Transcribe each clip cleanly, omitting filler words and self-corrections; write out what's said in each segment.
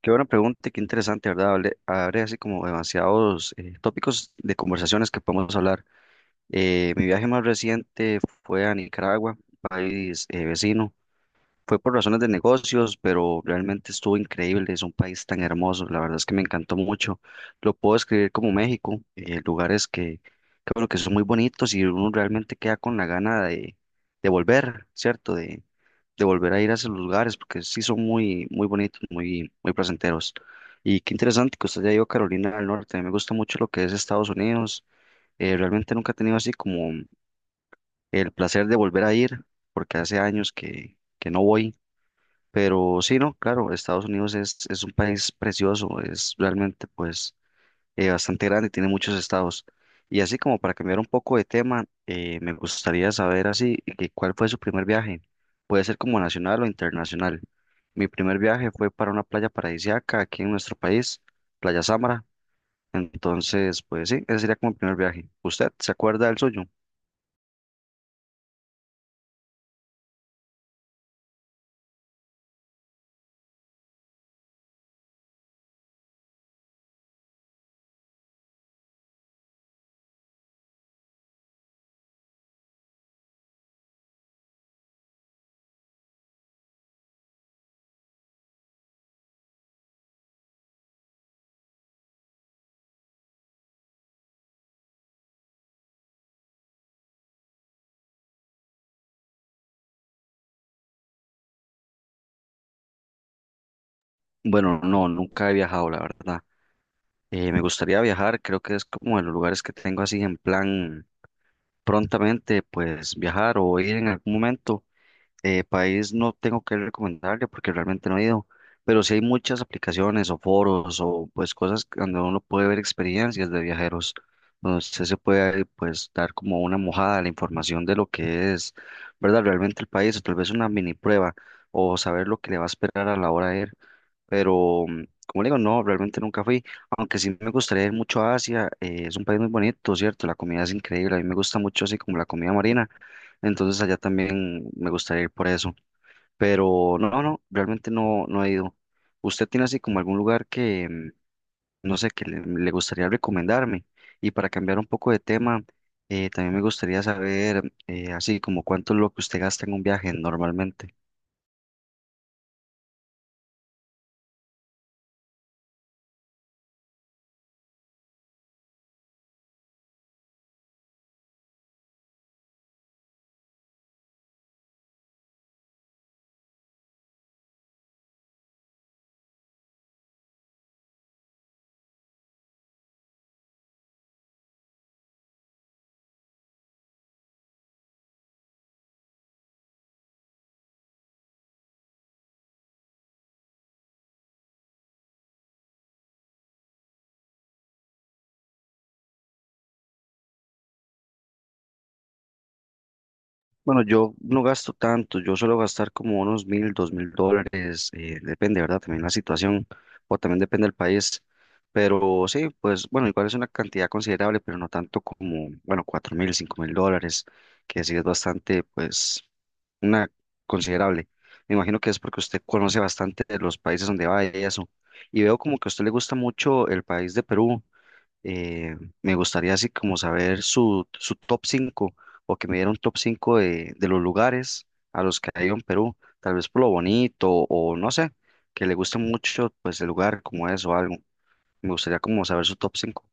Qué buena pregunta, y qué interesante, ¿verdad? Abre así como demasiados tópicos de conversaciones que podemos hablar. Mi viaje más reciente fue a Nicaragua, país vecino. Fue por razones de negocios, pero realmente estuvo increíble. Es un país tan hermoso. La verdad es que me encantó mucho. Lo puedo describir como México, lugares bueno, que son muy bonitos y uno realmente queda con la gana de volver, ¿cierto? De volver a ir a esos lugares porque sí son muy, muy bonitos, muy, muy placenteros. Y qué interesante que usted ya ido a Carolina del Norte. A mí me gusta mucho lo que es Estados Unidos. Realmente nunca he tenido así como el placer de volver a ir porque hace años que no voy, pero sí, no, claro, es un país precioso, es realmente pues bastante grande, tiene muchos estados. Y así como para cambiar un poco de tema, me gustaría saber así, que ¿cuál fue su primer viaje? Puede ser como nacional o internacional. Mi primer viaje fue para una playa paradisíaca aquí en nuestro país, Playa Sámara. Entonces, pues sí, ese sería como el primer viaje. ¿Usted se acuerda del suyo? Bueno, no, nunca he viajado, la verdad. Me gustaría viajar, creo que es como de los lugares que tengo así en plan prontamente, pues viajar o ir en algún momento. País no tengo que recomendarle porque realmente no he ido, pero sí hay muchas aplicaciones o foros o pues cosas donde uno puede ver experiencias de viajeros, donde usted se puede pues dar como una mojada a la información de lo que es, ¿verdad? Realmente el país o tal vez una mini prueba o saber lo que le va a esperar a la hora de ir, pero como le digo, no, realmente nunca fui, aunque sí me gustaría ir mucho a Asia, es un país muy bonito, ¿cierto? La comida es increíble, a mí me gusta mucho así como la comida marina, entonces allá también me gustaría ir por eso, pero no, no, realmente no, no he ido. ¿Usted tiene así como algún lugar que, mm, no sé, le gustaría recomendarme? Y para cambiar un poco de tema, también me gustaría saber, así como cuánto es lo que usted gasta en un viaje normalmente. Bueno, yo no gasto tanto, yo suelo gastar como unos mil, dos mil dólares, depende, ¿verdad? También la situación, o también depende del país, pero sí, pues bueno, igual es una cantidad considerable, pero no tanto como, bueno, cuatro mil, cinco mil dólares, que sí es bastante, pues, una considerable. Me imagino que es porque usted conoce bastante de los países donde va y eso, y veo como que a usted le gusta mucho el país de Perú, eh, me gustaría así como saber su top cinco, o que me diera un top 5 de los lugares a los que ha ido en Perú, tal vez por lo bonito o no sé, que le guste mucho pues el lugar como es o algo. Me gustaría como saber su top cinco.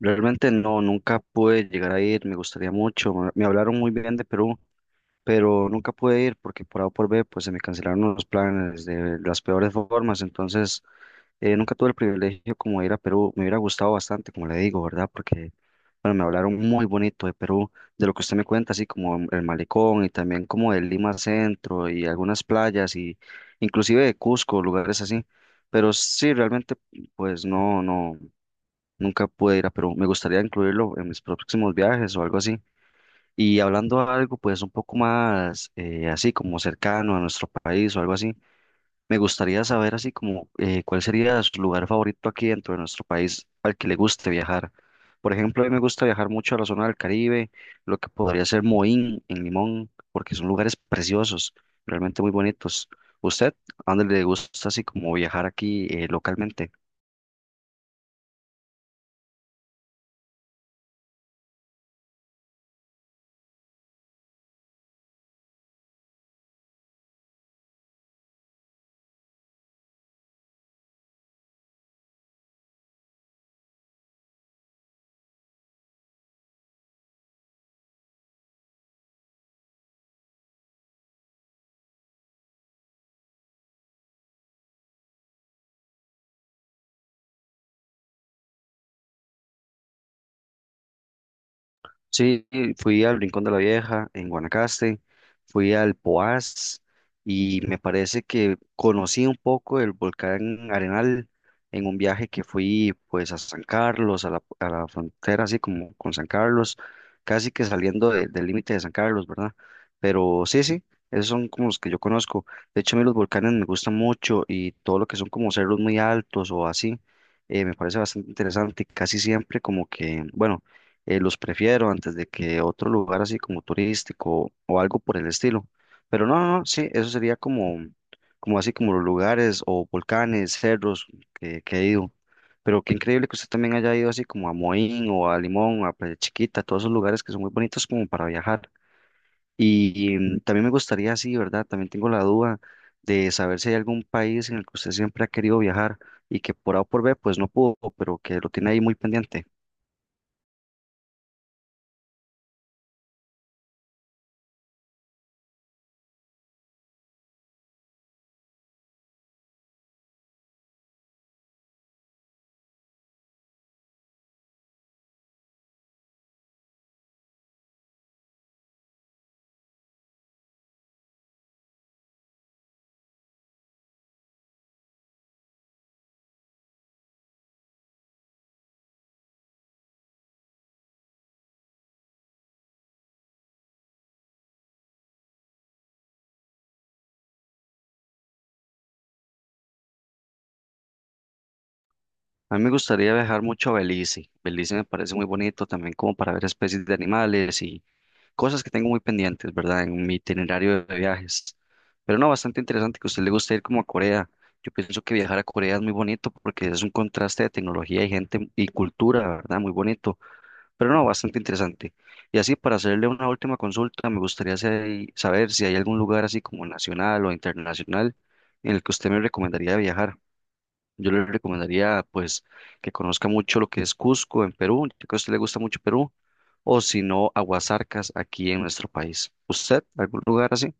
Realmente no, nunca pude llegar a ir, me gustaría mucho, me hablaron muy bien de Perú, pero nunca pude ir porque por A o por B pues se me cancelaron los planes de las peores formas. Entonces, nunca tuve el privilegio como de ir a Perú, me hubiera gustado bastante, como le digo, ¿verdad? Porque, bueno, me hablaron muy bonito de Perú, de lo que usted me cuenta, así como el malecón y también como de Lima Centro y algunas playas y inclusive de Cusco, lugares así. Pero sí, realmente, pues no, no, nunca pude ir a Perú. Me gustaría incluirlo en mis próximos viajes o algo así. Y hablando algo, pues un poco más, así como cercano a nuestro país o algo así. Me gustaría saber así como cuál sería su lugar favorito aquí dentro de nuestro país al que le guste viajar. Por ejemplo, a mí me gusta viajar mucho a la zona del Caribe, lo que podría ser Moín en Limón, porque son lugares preciosos, realmente muy bonitos. ¿Usted a dónde le gusta así como viajar aquí localmente? Sí, fui al Rincón de la Vieja en Guanacaste, fui al Poás y me parece que conocí un poco el volcán Arenal en un viaje que fui pues a San Carlos, a la frontera así como con San Carlos, casi que del límite de San Carlos, ¿verdad? Pero sí, sí, esos son como los que yo conozco. De hecho, a mí los volcanes me gustan mucho y todo lo que son como cerros muy altos o así, me parece bastante interesante, casi siempre como que, bueno, los prefiero antes de que otro lugar así como turístico o algo por el estilo. Pero no, no, no, sí, eso sería como, como así como los lugares o volcanes, cerros que he ido. Pero qué increíble que usted también haya ido así como a Moín o a Limón, a Playa Chiquita, todos esos lugares que son muy bonitos como para viajar. Y, mm, también me gustaría, así, ¿verdad? También tengo la duda de saber si hay algún país en el que usted siempre ha querido viajar y que por A o por B pues no pudo, pero que lo tiene ahí muy pendiente. A mí me gustaría viajar mucho a Belice. Belice me parece muy bonito también como para ver especies de animales y cosas que tengo muy pendientes, ¿verdad? En mi itinerario de viajes. Pero no, bastante interesante que a usted le guste ir como a Corea. Yo pienso que viajar a Corea es muy bonito porque es un contraste de tecnología y gente y cultura, ¿verdad? Muy bonito. Pero no, bastante interesante. Y así, para hacerle una última consulta, me gustaría saber si hay algún lugar así como nacional o internacional en el que usted me recomendaría viajar. Yo le recomendaría, pues, que conozca mucho lo que es Cusco en Perú, ya que a usted le gusta mucho Perú, o si no, Aguasarcas aquí en nuestro país. ¿Usted, algún lugar así?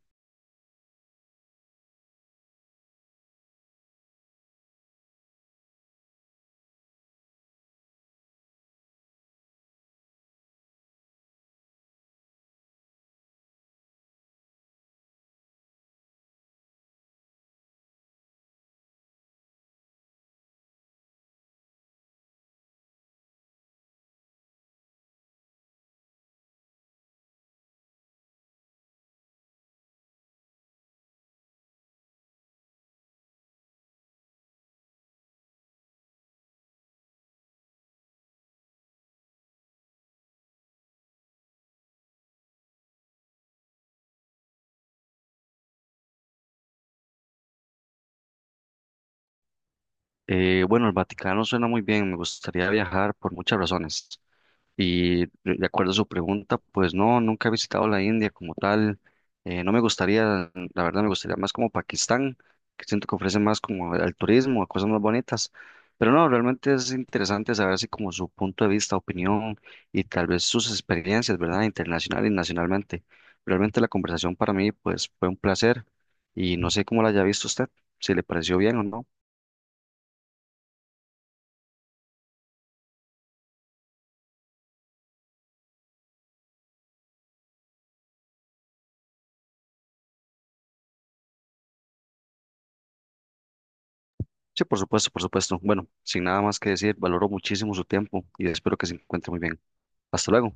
Bueno, el Vaticano suena muy bien, me gustaría viajar por muchas razones. Y de acuerdo a su pregunta, pues no, nunca he visitado la India como tal. No me gustaría, la verdad me gustaría más como Pakistán, que siento que ofrece más como al turismo, a cosas más bonitas. Pero no, realmente es interesante saber así como su punto de vista, opinión y tal vez sus experiencias, ¿verdad? Internacional y nacionalmente. Realmente la conversación para mí pues fue un placer y no sé cómo la haya visto usted, si le pareció bien o no. Sí, por supuesto, por supuesto. Bueno, sin nada más que decir, valoro muchísimo su tiempo y espero que se encuentre muy bien. Hasta luego.